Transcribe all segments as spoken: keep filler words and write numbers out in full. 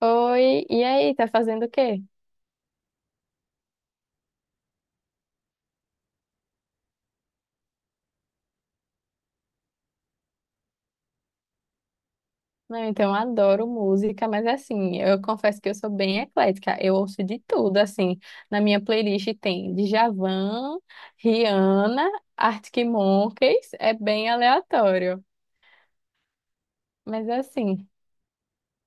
Oi, e aí, tá fazendo o quê? Não, então eu adoro música, mas assim, eu confesso que eu sou bem eclética. Eu ouço de tudo, assim. Na minha playlist tem Djavan, Rihanna, Arctic Monkeys, é bem aleatório. Mas assim,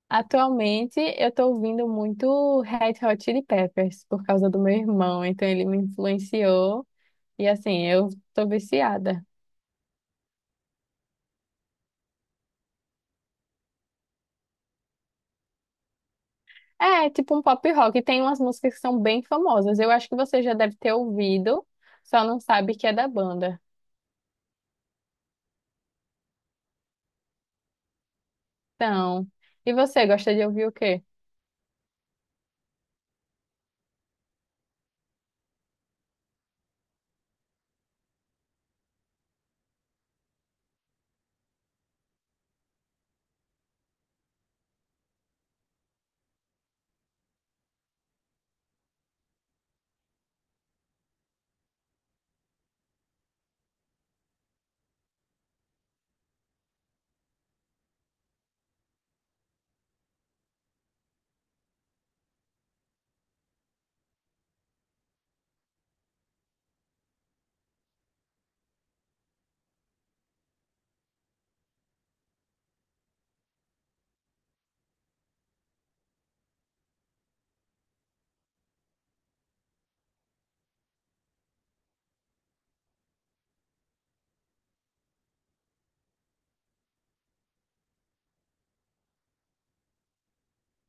atualmente eu tô ouvindo muito Red Hot Chili Peppers por causa do meu irmão, então ele me influenciou e assim, eu tô viciada. É, tipo um pop rock. Tem umas músicas que são bem famosas. Eu acho que você já deve ter ouvido, só não sabe que é da banda. Então, e você gosta de ouvir o quê?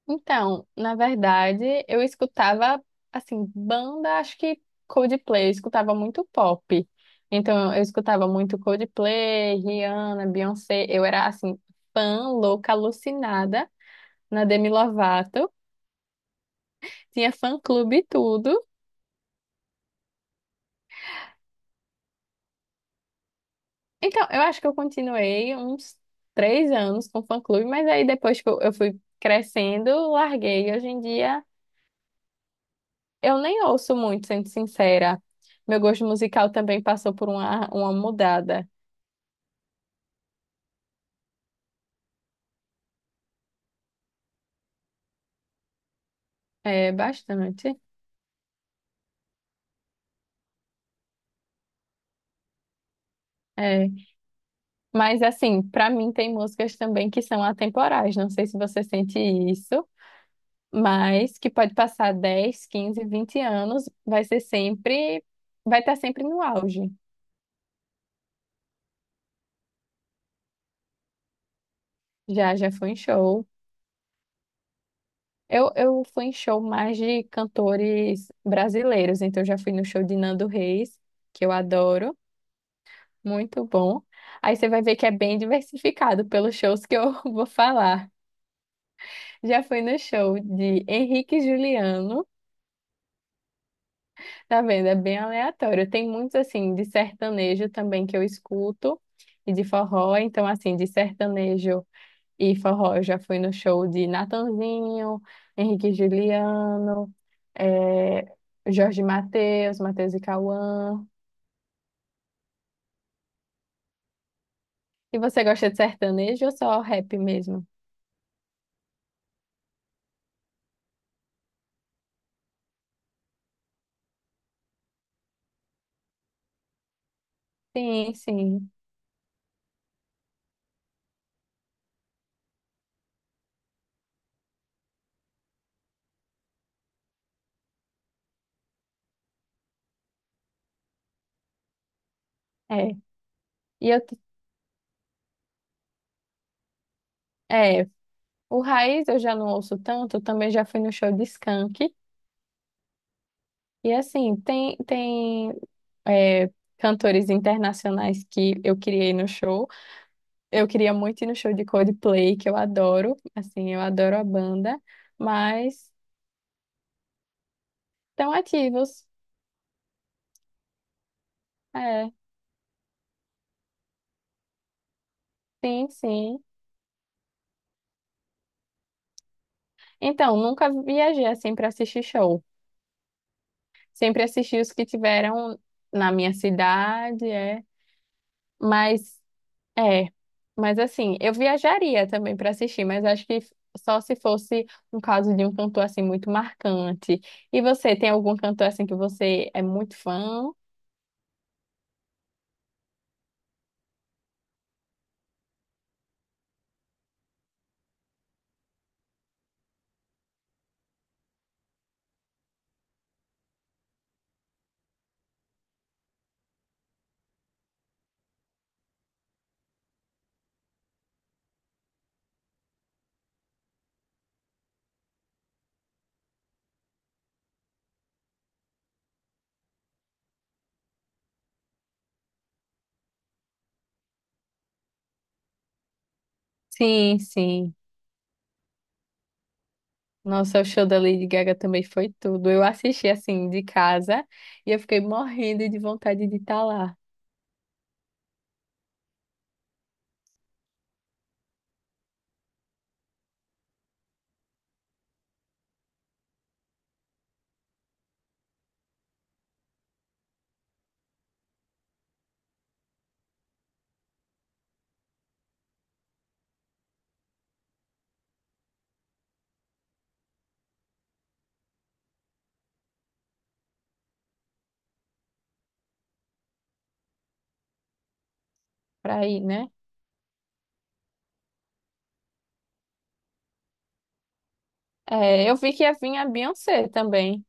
Então, na verdade, eu escutava, assim, banda, acho que Coldplay, eu escutava muito pop. Então, eu escutava muito Coldplay, Rihanna, Beyoncé. Eu era, assim, fã louca, alucinada na Demi Lovato. Tinha fã-clube e tudo. Então, eu acho que eu continuei uns três anos com fã-clube, mas aí depois que eu, eu fui crescendo, larguei. Hoje em dia, eu nem ouço muito, sendo sincera. Meu gosto musical também passou por uma, uma mudada. É, bastante. É. Mas, assim, pra mim tem músicas também que são atemporais. Não sei se você sente isso, mas que pode passar dez quinze vinte anos, vai ser sempre, vai estar sempre no auge. Já, já foi em show. Eu, eu fui em show mais de cantores brasileiros, então eu já fui no show de Nando Reis, que eu adoro, muito bom. Aí você vai ver que é bem diversificado pelos shows que eu vou falar. Já fui no show de Henrique e Juliano, tá vendo? É bem aleatório. Tem muitos, assim, de sertanejo também que eu escuto, e de forró, então, assim, de sertanejo. E forró, eu já fui no show de Natanzinho, Henrique e Juliano, eh, Jorge Mateus, Mateus e Cauã. E você gosta de sertanejo ou só rap mesmo? Sim, sim. É. E eu, t- é, o Raiz eu já não ouço tanto, também já fui no show de Skank. E assim, tem, tem é, cantores internacionais que eu queria ir no show. Eu queria muito ir no show de Coldplay, que eu adoro. Assim, eu adoro a banda. Mas estão ativos. É, sim, sim. Então, nunca viajei assim para assistir show. Sempre assisti os que tiveram na minha cidade, é. Mas, é. Mas assim, eu viajaria também para assistir, mas acho que só se fosse um caso de um cantor assim muito marcante. E você, tem algum cantor assim que você é muito fã? Sim, sim. Nossa, o show da Lady Gaga também foi tudo. Eu assisti assim de casa e eu fiquei morrendo de vontade de estar lá. Pra ir, né? É, eu vi que ia vir a Beyoncé também.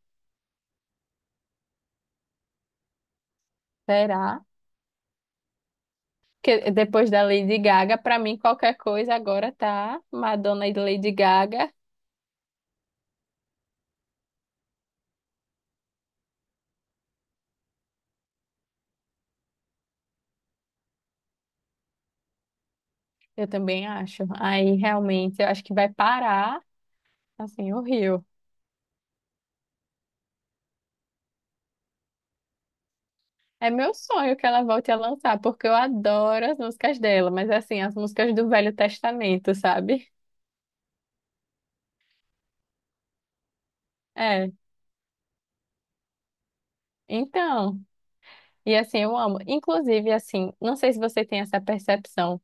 Será? Porque depois da Lady Gaga, pra mim qualquer coisa agora tá Madonna e Lady Gaga. Eu também acho. Aí realmente eu acho que vai parar assim o Rio. É meu sonho que ela volte a lançar, porque eu adoro as músicas dela, mas assim, as músicas do Velho Testamento, sabe? É. Então, e assim, eu amo. Inclusive, assim, não sei se você tem essa percepção,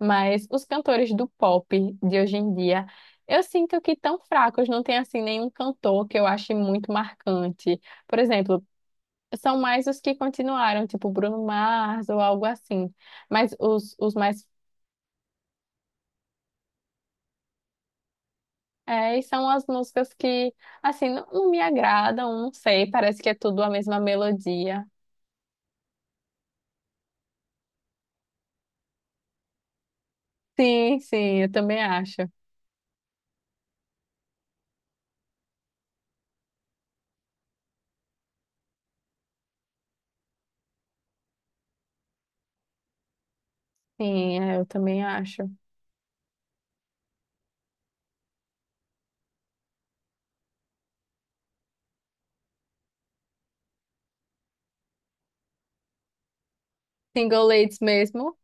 mas os cantores do pop de hoje em dia, eu sinto que tão fracos, não tem assim nenhum cantor que eu ache muito marcante. Por exemplo, são mais os que continuaram, tipo Bruno Mars ou algo assim. Mas os, os mais. É, e são as músicas que, assim, não, não me agradam, não sei, parece que é tudo a mesma melodia. Sim, sim, eu também acho. Sim, é, eu também acho. Single Ladies mesmo.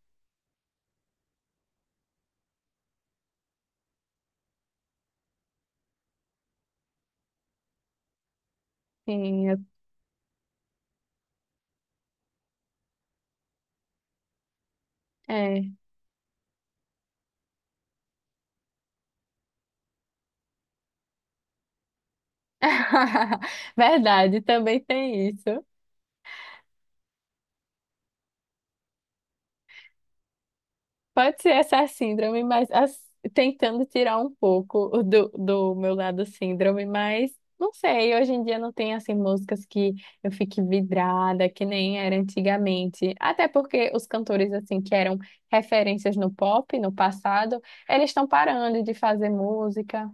Sim, é. É. Verdade, também tem isso. Pode ser essa síndrome, mas as- tentando tirar um pouco o do, do meu lado síndrome, mas não sei, hoje em dia não tem assim músicas que eu fique vidrada, que nem era antigamente. Até porque os cantores assim que eram referências no pop no passado, eles estão parando de fazer música.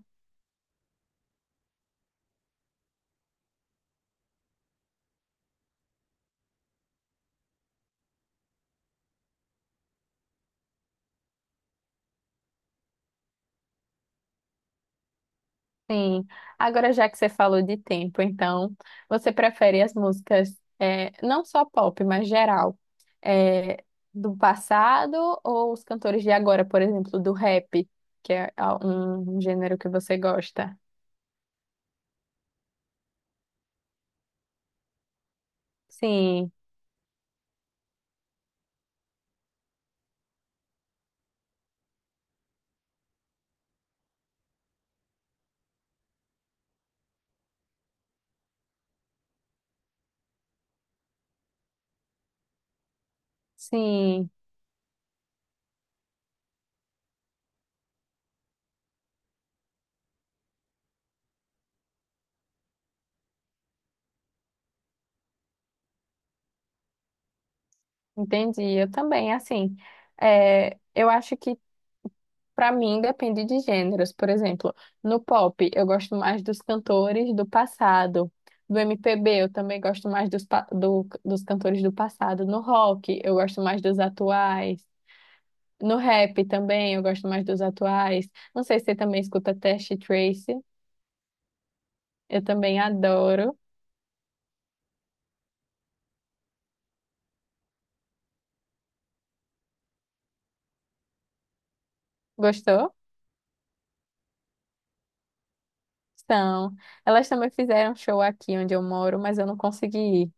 Sim. Agora, já que você falou de tempo, então, você prefere as músicas, é, não só pop, mas geral, é, do passado ou os cantores de agora, por exemplo, do rap, que é a- um um gênero que você gosta? Sim, sim, entendi. Eu também, assim, é, eu acho que pra mim, depende de gêneros. Por exemplo, no pop, eu gosto mais dos cantores do passado. Do M P B, eu também gosto mais dos, pa- do- dos cantores do passado. No rock, eu gosto mais dos atuais. No rap também, eu gosto mais dos atuais. Não sei se você também escuta Test Tracy. Eu também adoro. Gostou? Então, elas também fizeram show aqui onde eu moro, mas eu não consegui ir.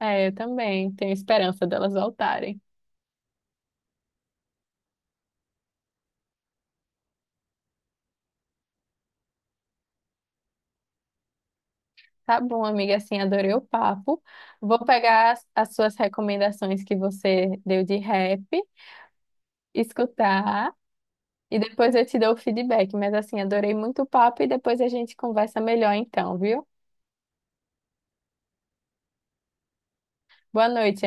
É, eu também tenho esperança delas voltarem. Tá bom, amiga, assim, adorei o papo. Vou pegar as, as suas recomendações que você deu de rap, escutar e depois eu te dou o feedback. Mas assim, adorei muito o papo e depois a gente conversa melhor então, viu? Boa noite.